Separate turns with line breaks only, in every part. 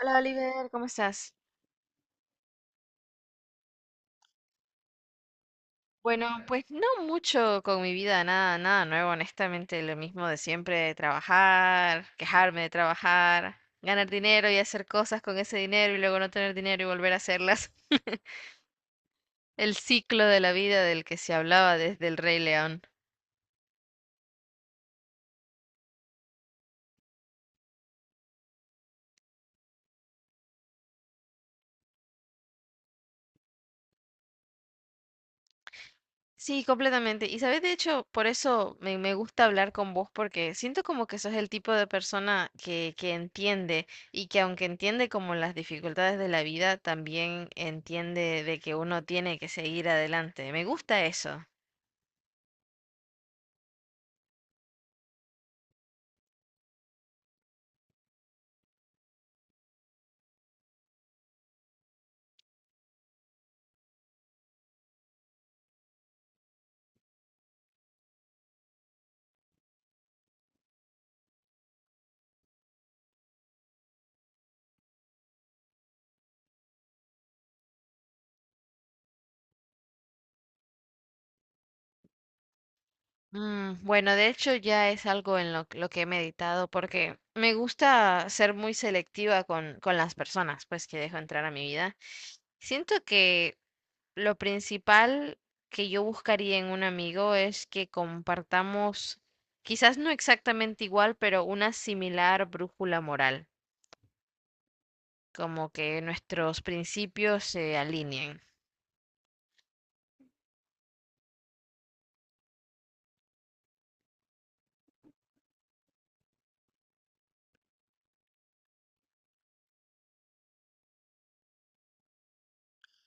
Hola Oliver, ¿cómo estás? Bueno, pues no mucho con mi vida, nada, nada nuevo, honestamente, lo mismo de siempre, trabajar, quejarme de trabajar, ganar dinero y hacer cosas con ese dinero y luego no tener dinero y volver a hacerlas. El ciclo de la vida del que se hablaba desde el Rey León. Sí, completamente. Y sabes, de hecho, por eso me gusta hablar con vos, porque siento como que sos el tipo de persona que entiende y que aunque entiende como las dificultades de la vida, también entiende de que uno tiene que seguir adelante. Me gusta eso. Bueno, de hecho ya es algo en lo que he meditado porque me gusta ser muy selectiva con las personas, pues que dejo entrar a mi vida. Siento que Lo principal que yo buscaría en un amigo es que compartamos, quizás no exactamente igual, pero una similar brújula moral, como que nuestros principios se alineen.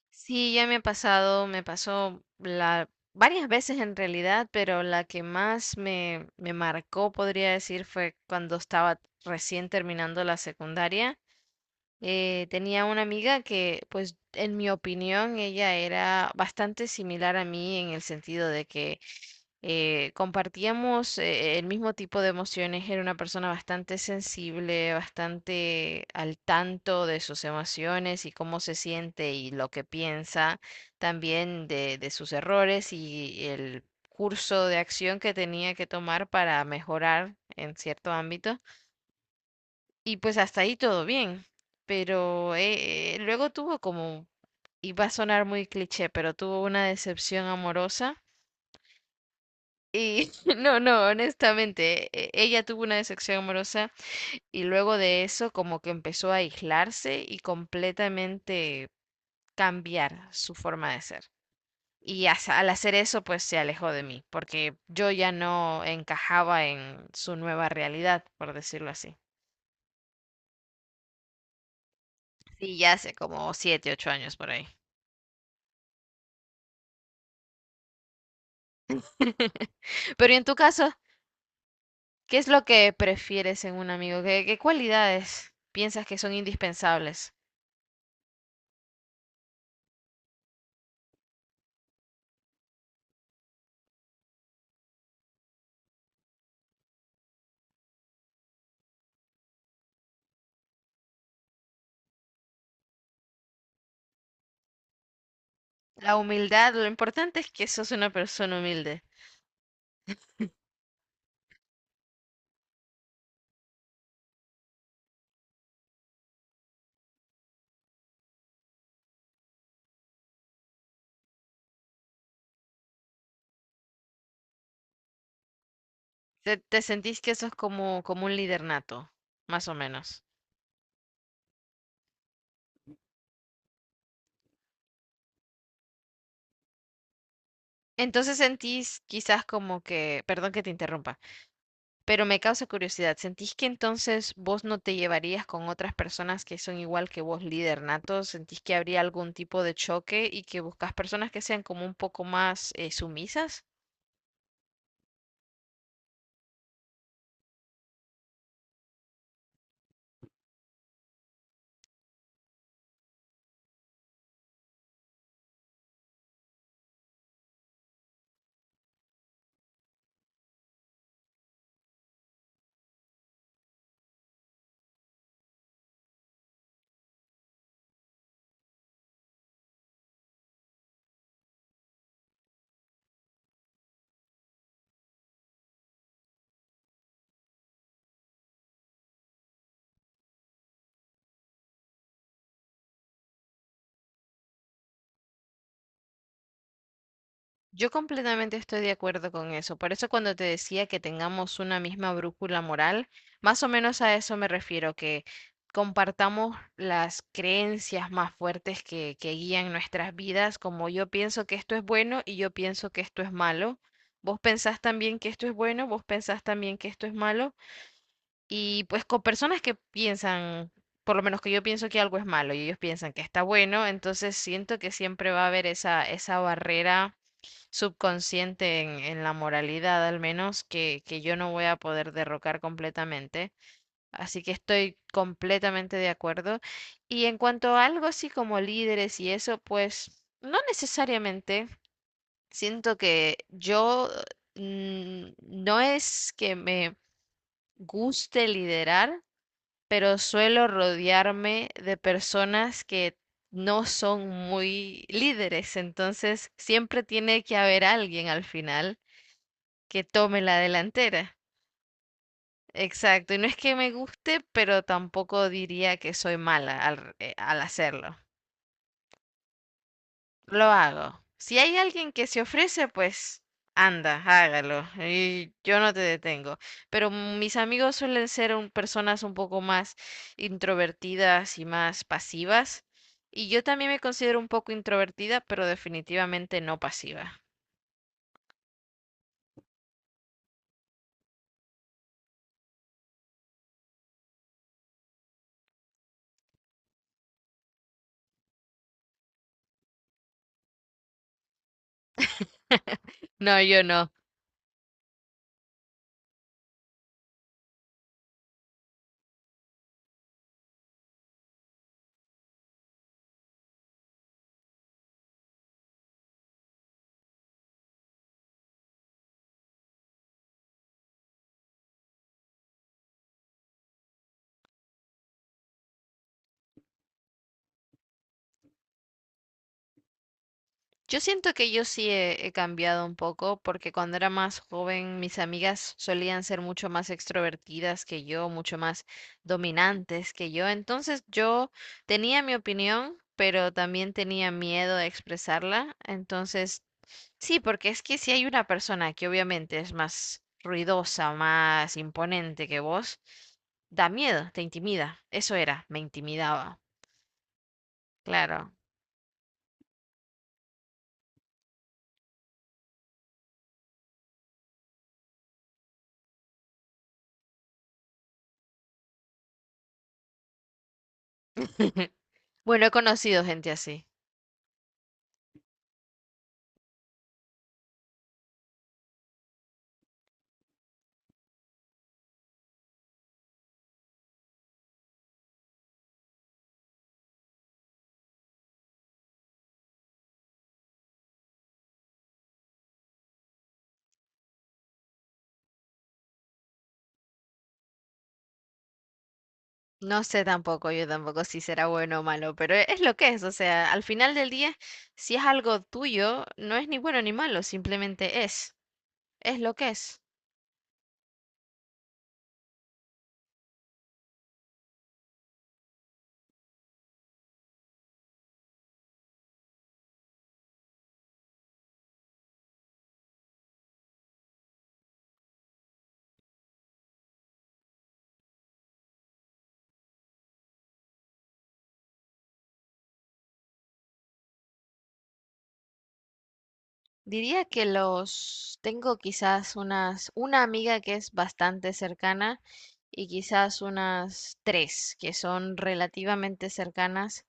Sí, ya me ha pasado, me pasó la, varias veces en realidad, pero la que más me marcó, podría decir, fue cuando estaba recién terminando la secundaria. Tenía una amiga que, pues, en mi opinión, ella era bastante similar a mí en el sentido de que compartíamos el mismo tipo de emociones. Era una persona bastante sensible, bastante al tanto de sus emociones y cómo se siente y lo que piensa, también de sus errores y el curso de acción que tenía que tomar para mejorar en cierto ámbito. Y pues hasta ahí todo bien, pero luego tuvo como, y va a sonar muy cliché, pero tuvo una decepción amorosa. Y no, no, honestamente, ella tuvo una decepción amorosa y luego de eso como que empezó a aislarse y completamente cambiar su forma de ser. Y al hacer eso, pues se alejó de mí, porque yo ya no encajaba en su nueva realidad, por decirlo así. Y ya hace como 7, 8 años por ahí. Pero ¿y en tu caso, ¿qué es lo que prefieres en un amigo? ¿Qué cualidades piensas que son indispensables? La humildad, lo importante es que sos una persona humilde. Te sentís que sos como, como un líder nato, más o menos. Entonces sentís quizás como que, perdón que te interrumpa, pero me causa curiosidad, ¿sentís que entonces vos no te llevarías con otras personas que son igual que vos, líder nato? ¿Sentís que habría algún tipo de choque y que buscas personas que sean como un poco más sumisas? Yo completamente estoy de acuerdo con eso. Por eso cuando te decía que tengamos una misma brújula moral, más o menos a eso me refiero, que compartamos las creencias más fuertes que guían nuestras vidas, como yo pienso que esto es bueno y yo pienso que esto es malo. Vos pensás también que esto es bueno, vos pensás también que esto es malo. Y pues con personas que piensan, por lo menos que yo pienso que algo es malo y ellos piensan que está bueno, entonces siento que siempre va a haber esa, esa barrera subconsciente en la moralidad, al menos que yo no voy a poder derrocar completamente. Así que estoy completamente de acuerdo. Y en cuanto a algo así como líderes y eso, pues no necesariamente. Siento que yo no es que me guste liderar, pero suelo rodearme de personas que no son muy líderes, entonces siempre tiene que haber alguien al final que tome la delantera. Exacto, y no es que me guste, pero tampoco diría que soy mala al hacerlo. Lo hago. Si hay alguien que se ofrece, pues anda, hágalo. Y yo no te detengo. Pero mis amigos suelen ser personas un poco más introvertidas y más pasivas. Y yo también me considero un poco introvertida, pero definitivamente no pasiva. No, yo no. Yo siento que yo sí he cambiado un poco porque cuando era más joven mis amigas solían ser mucho más extrovertidas que yo, mucho más dominantes que yo. Entonces yo tenía mi opinión, pero también tenía miedo de expresarla. Entonces, sí, porque es que si hay una persona que obviamente es más ruidosa, más imponente que vos, da miedo, te intimida. Eso era, me intimidaba, claro. Bueno, he conocido gente así. No sé tampoco, yo tampoco si será bueno o malo, pero es lo que es, o sea, al final del día, si es algo tuyo, no es ni bueno ni malo, simplemente es lo que es. Diría que los tengo quizás unas, una amiga que es bastante cercana y quizás unas tres que son relativamente cercanas,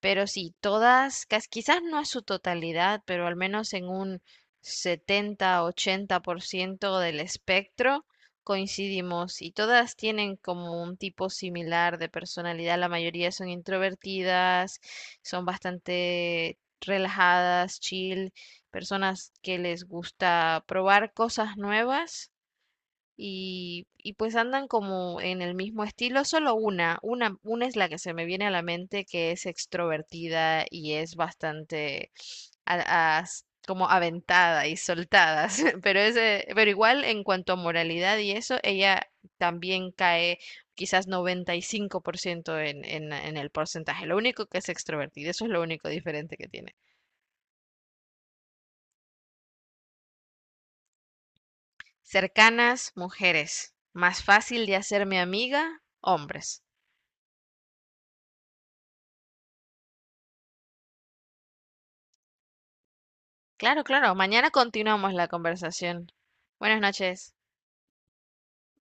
pero sí, todas, quizás no a su totalidad, pero al menos en un 70 80% del espectro coincidimos y todas tienen como un tipo similar de personalidad. La mayoría son introvertidas, son bastante relajadas, chill personas que les gusta probar cosas nuevas y pues andan como en el mismo estilo, solo una es la que se me viene a la mente que es extrovertida y es bastante como aventada y soltada, pero ese, pero igual en cuanto a moralidad y eso, ella también cae quizás 95% en, en el porcentaje. Lo único que es extrovertida, eso es lo único diferente que tiene. Cercanas, mujeres. Más fácil de hacerme amiga, hombres. Claro, claro. Mañana continuamos la conversación. Buenas noches.